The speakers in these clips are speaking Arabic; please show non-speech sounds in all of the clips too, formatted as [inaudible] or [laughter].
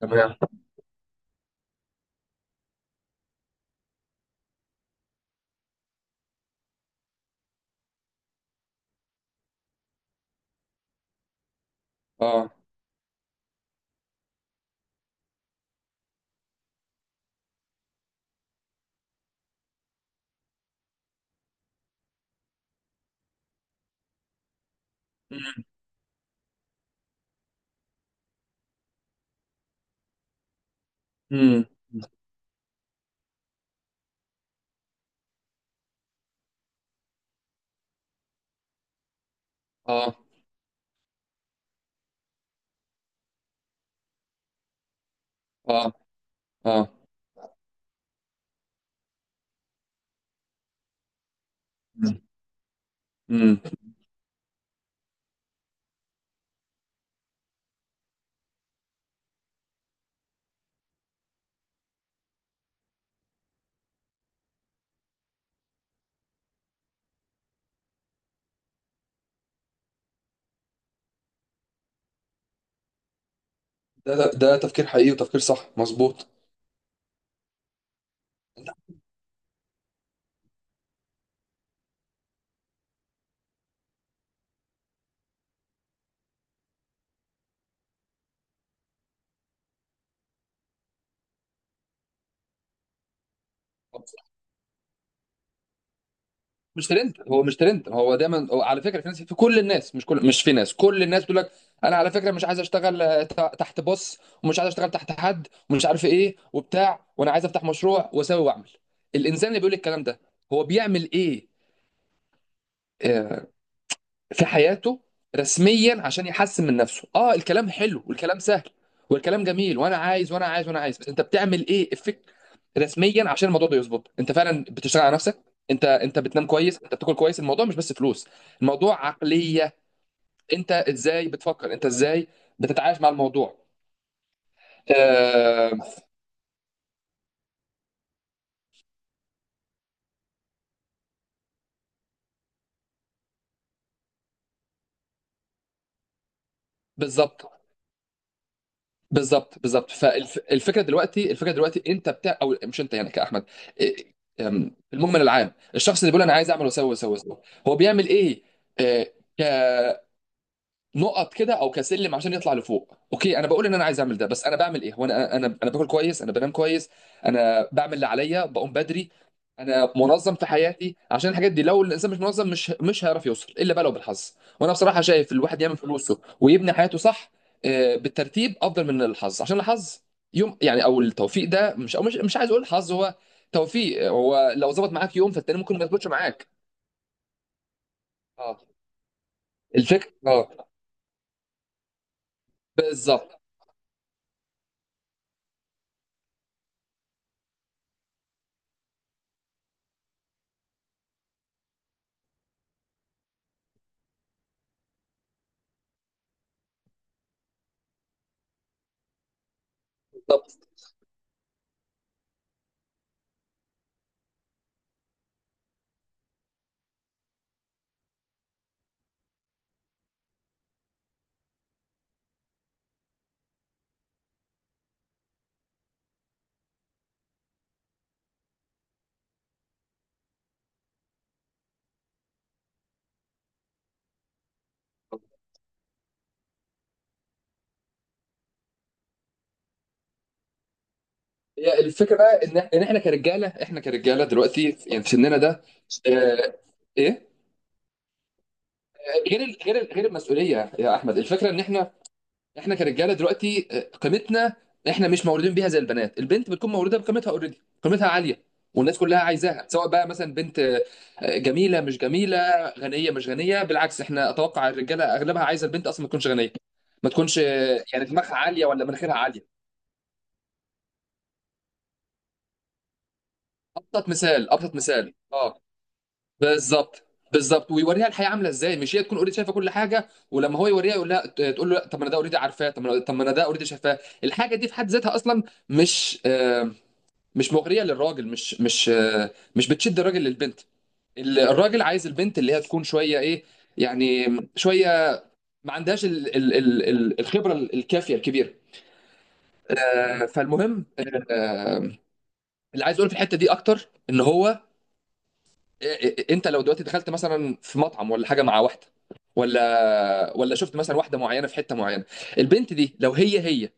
تمام. اه. امم. اه. اه. اه. امم. ده تفكير حقيقي وتفكير صح مظبوط. مش ترند، هو مش ترند، هو دايما هو على فكره. في ناس في كل الناس مش كل مش في ناس كل الناس بتقول لك: انا على فكره مش عايز اشتغل، تحت بوس، ومش عايز اشتغل تحت حد، ومش عارف ايه وبتاع، وانا عايز افتح مشروع واسوي واعمل. الانسان اللي بيقول الكلام ده هو بيعمل ايه آه، في حياته رسميا عشان يحسن من نفسه؟ اه، الكلام حلو والكلام سهل والكلام جميل، وانا عايز وانا عايز وانا عايز، بس انت بتعمل ايه افكت رسميا عشان الموضوع ده يظبط؟ انت فعلا بتشتغل على نفسك؟ انت بتنام كويس؟ انت بتاكل كويس؟ الموضوع مش بس فلوس، الموضوع عقلية. انت ازاي بتفكر، انت ازاي بتتعايش مع الموضوع؟ آه. بالظبط، بالظبط. بالظبط، فالفكره دلوقتي، الفكره دلوقتي، انت بتاع او مش انت يعني كاحمد، إيه، أم، في المجمل العام، الشخص اللي بيقول انا عايز اعمل واسوي واسوي واسوي، هو بيعمل ايه؟ إيه، نقط كده او كسلم عشان يطلع لفوق؟ اوكي، انا بقول ان انا عايز اعمل ده، بس انا بعمل ايه؟ وانا انا باكل كويس، انا بنام كويس، انا بعمل اللي عليا، بقوم بدري، انا منظم في حياتي، عشان الحاجات دي لو الانسان مش منظم مش هيعرف يوصل الا بقى لو بالحظ. وانا بصراحه شايف الواحد يعمل فلوسه ويبني حياته صح، بالترتيب، افضل من الحظ، عشان الحظ يوم يعني، او التوفيق ده، مش، او مش عايز اقول حظ، هو توفيق، هو لو ظبط معاك يوم فالتاني ممكن ما يظبطش معاك. اه، الفكره، اه. بالظبط، بالظبط. هي الفكره بقى ان احنا كرجاله، احنا كرجاله دلوقتي يعني في سننا ده، آه، ايه، غير المسؤوليه يا احمد. الفكره ان احنا كرجاله دلوقتي، قيمتنا، احنا مش مولودين بيها زي البنات. البنت بتكون مولوده بقيمتها اوريدي، قيمتها عاليه، والناس كلها عايزاها، سواء بقى مثلا بنت جميله مش جميله، غنيه مش غنيه. بالعكس، احنا اتوقع الرجاله اغلبها عايزه البنت اصلا ما تكونش غنيه، ما تكونش يعني دماغها عاليه ولا مناخيرها عاليه. ابسط مثال، ابسط مثال، اه. بالظبط، بالظبط. ويوريها الحياه عامله ازاي، مش هي تكون اوريدي شايفه كل حاجه، ولما هو يوريها يقول لها، تقول له لأ، طب ما انا ده اوريدي عارفاه، طب ما انا ده اوريدي شايفاه. الحاجه دي في حد ذاتها اصلا مش آه، مش مغريه للراجل، مش بتشد الراجل للبنت. الراجل عايز البنت اللي هي تكون شويه ايه، يعني، شويه ما عندهاش الخبره الكافيه الكبيره. فالمهم، آه، اللي عايز اقوله في الحته دي اكتر ان هو انت لو دلوقتي دخلت مثلا في مطعم ولا حاجه مع واحده، ولا شفت مثلا واحده معينه في حته معينه، البنت دي لو هي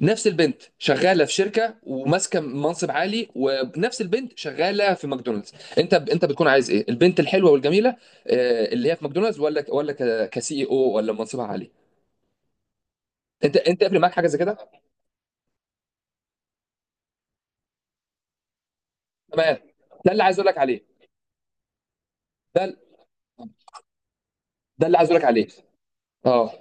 نفس البنت شغاله في شركه وماسكه منصب عالي، ونفس البنت شغاله في ماكدونالدز، انت بتكون عايز ايه؟ البنت الحلوه والجميله، اللي هي في ماكدونالدز، ولا كسي، او ولا منصبها عالي؟ انت قبل معاك حاجه زي كده؟ تمام. ده اللي عايز اقول لك عليه. ده ده اللي عايز اقول لك عليه. اه.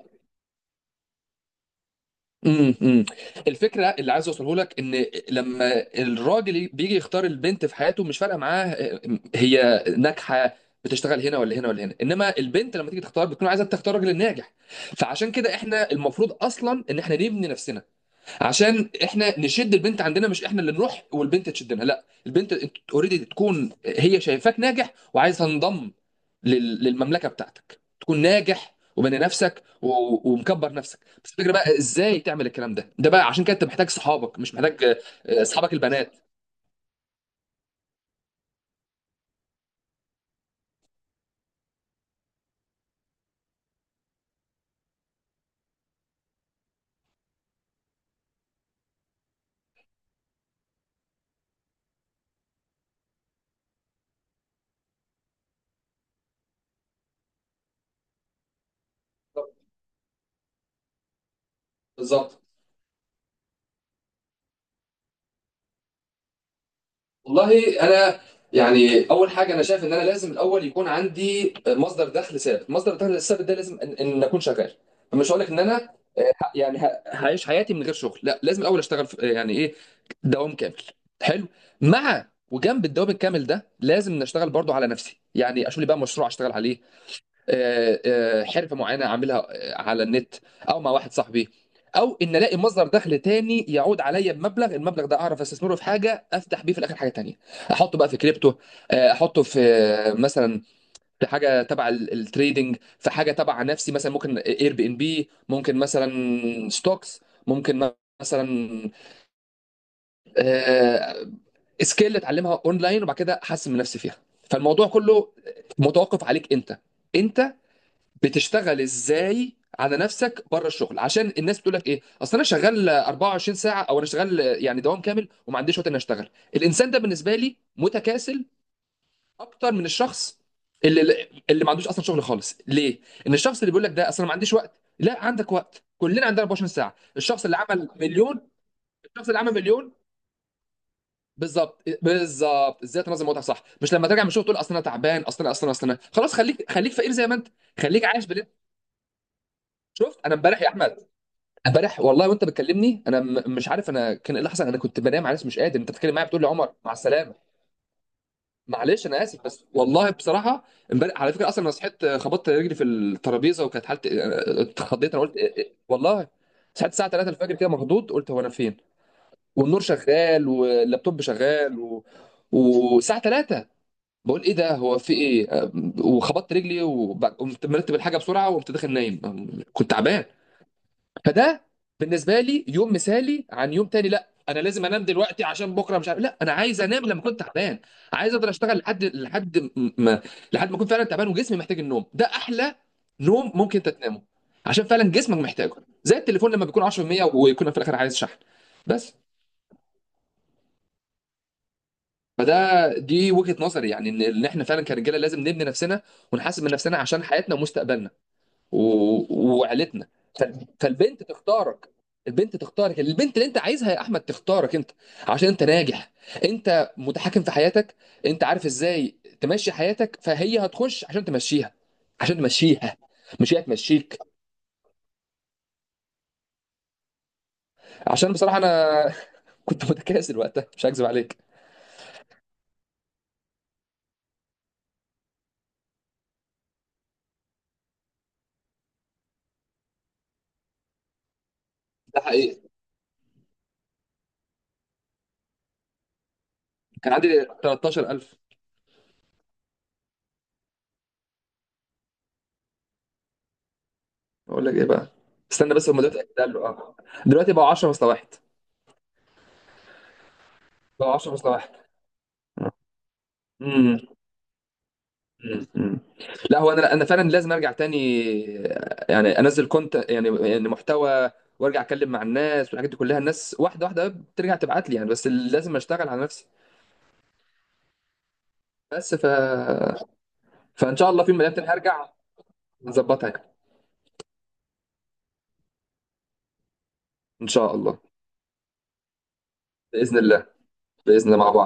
امم. امم. الفكره اللي عايز اوصله لك، ان لما الراجل بيجي يختار البنت في حياته، مش فارقه معاه هي ناجحه، بتشتغل هنا ولا هنا ولا هنا. انما البنت لما تيجي تختار، بتكون عايزه تختار راجل ناجح. فعشان كده، احنا المفروض اصلا ان احنا نبني نفسنا، عشان احنا نشد البنت عندنا، مش احنا اللي نروح والبنت تشدنا. لا، البنت اوريدي تكون هي شايفاك ناجح وعايزه تنضم للمملكه بتاعتك. تكون ناجح، وبني نفسك، ومكبر نفسك. بس الفكره بقى ازاي تعمل الكلام ده. ده بقى عشان كده انت محتاج صحابك، مش محتاج اصحابك البنات. بالظبط. والله انا يعني اول حاجه، انا شايف ان انا لازم الاول يكون عندي مصدر دخل ثابت. مصدر الدخل الثابت ده لازم إن اكون شغال. مش هقول لك ان انا هعيش حياتي من غير شغل، لا، لازم الاول اشتغل في يعني ايه، دوام كامل. حلو. مع، وجنب الدوام الكامل ده لازم نشتغل برضو على نفسي، يعني اشوف لي بقى مشروع اشتغل عليه، حرفه معينه اعملها على النت، او مع واحد صاحبي، او ان الاقي مصدر دخل تاني يعود عليا بمبلغ، المبلغ ده اعرف استثمره في حاجه، افتح بيه في الاخر حاجه تانية. احطه بقى في كريبتو، احطه في مثلا في حاجه تبع التريدينج، في حاجه تبع نفسي، مثلا ممكن اير بي ان بي، ممكن مثلا ستوكس، ممكن مثلا آه، سكيل اتعلمها اونلاين وبعد كده احسن من نفسي فيها. فالموضوع كله متوقف عليك انت. انت بتشتغل ازاي على نفسك بره الشغل؟ عشان الناس بتقول لك ايه: اصل انا شغال 24 ساعه، او انا شغال يعني دوام كامل وما عنديش وقت اني اشتغل. الانسان ده بالنسبه لي متكاسل اكتر من الشخص اللي ما عندوش اصلا شغل خالص. ليه؟ ان الشخص اللي بيقول لك ده اصلا ما عنديش وقت، لا، عندك وقت، كلنا عندنا 24 ساعه. الشخص اللي عمل مليون، الشخص اللي عمل مليون. بالظبط، بالظبط. ازاي تنظم وقتك صح، مش لما ترجع من الشغل تقول اصل انا تعبان، اصل انا خلاص، خليك، خليك فقير زي ما انت. خليك عايش بال. شفت انا امبارح يا احمد، امبارح والله، وانت بتكلمني، انا مش عارف انا كان ايه اللي حصل، انا كنت بنام، عارف، مش قادر، انت بتتكلم معايا بتقول لي عمر مع السلامه. معلش، انا اسف، بس والله بصراحه امبارح، على فكره، اصلا انا صحيت، خبطت رجلي في الترابيزه، وكانت حالتي اتخضيت، انا قلت إيه، إيه والله. صحيت الساعه 3 الفجر كده مخضوض، قلت هو انا فين، والنور شغال، واللابتوب شغال، والساعه 3، بقول ايه ده، هو في ايه، وخبطت رجلي، وقمت مرتب الحاجه بسرعه، وقمت داخل نايم، كنت تعبان. فده بالنسبه لي يوم مثالي، عن يوم تاني لا انا لازم انام دلوقتي عشان بكره مش عارف. لا، انا عايز انام لما كنت تعبان، عايز اقدر اشتغل لحد لحد ما لحد ما اكون فعلا تعبان وجسمي محتاج النوم، ده احلى نوم ممكن تتنامه، عشان فعلا جسمك محتاجه. زي التليفون لما بيكون 10% ويكون في الاخر عايز شحن. بس، فده، دي وجهة نظري، يعني ان احنا فعلا كرجاله لازم نبني نفسنا، ونحاسب من نفسنا، عشان حياتنا ومستقبلنا وعيلتنا. فالبنت تختارك، البنت تختارك، البنت اللي انت عايزها يا احمد تختارك انت عشان انت ناجح، انت متحكم في حياتك، انت عارف ازاي تمشي حياتك، فهي هتخش عشان تمشيها، عشان تمشيها، مش هي تمشيك. عشان بصراحة انا [laughs] كنت متكاسل وقتها، مش هكذب عليك. ده حقيقي. كان عندي 13,000. اقول لك ايه بقى، استنى بس المدير اتاكد، قال له اه. دلوقتي بقوا 10 مساواحد، بقوا 10 مساواحد. مم. مم. لا، هو انا فعلا لازم ارجع تاني، يعني انزل كونت، يعني محتوى، وارجع اتكلم مع الناس والحاجات دي كلها. الناس واحده واحده بترجع تبعت لي يعني، بس لازم اشتغل على نفسي. بس ف فان شاء الله في يوم من الايام تاني هرجع نظبطها. ان شاء الله. باذن الله. باذن الله مع بعض.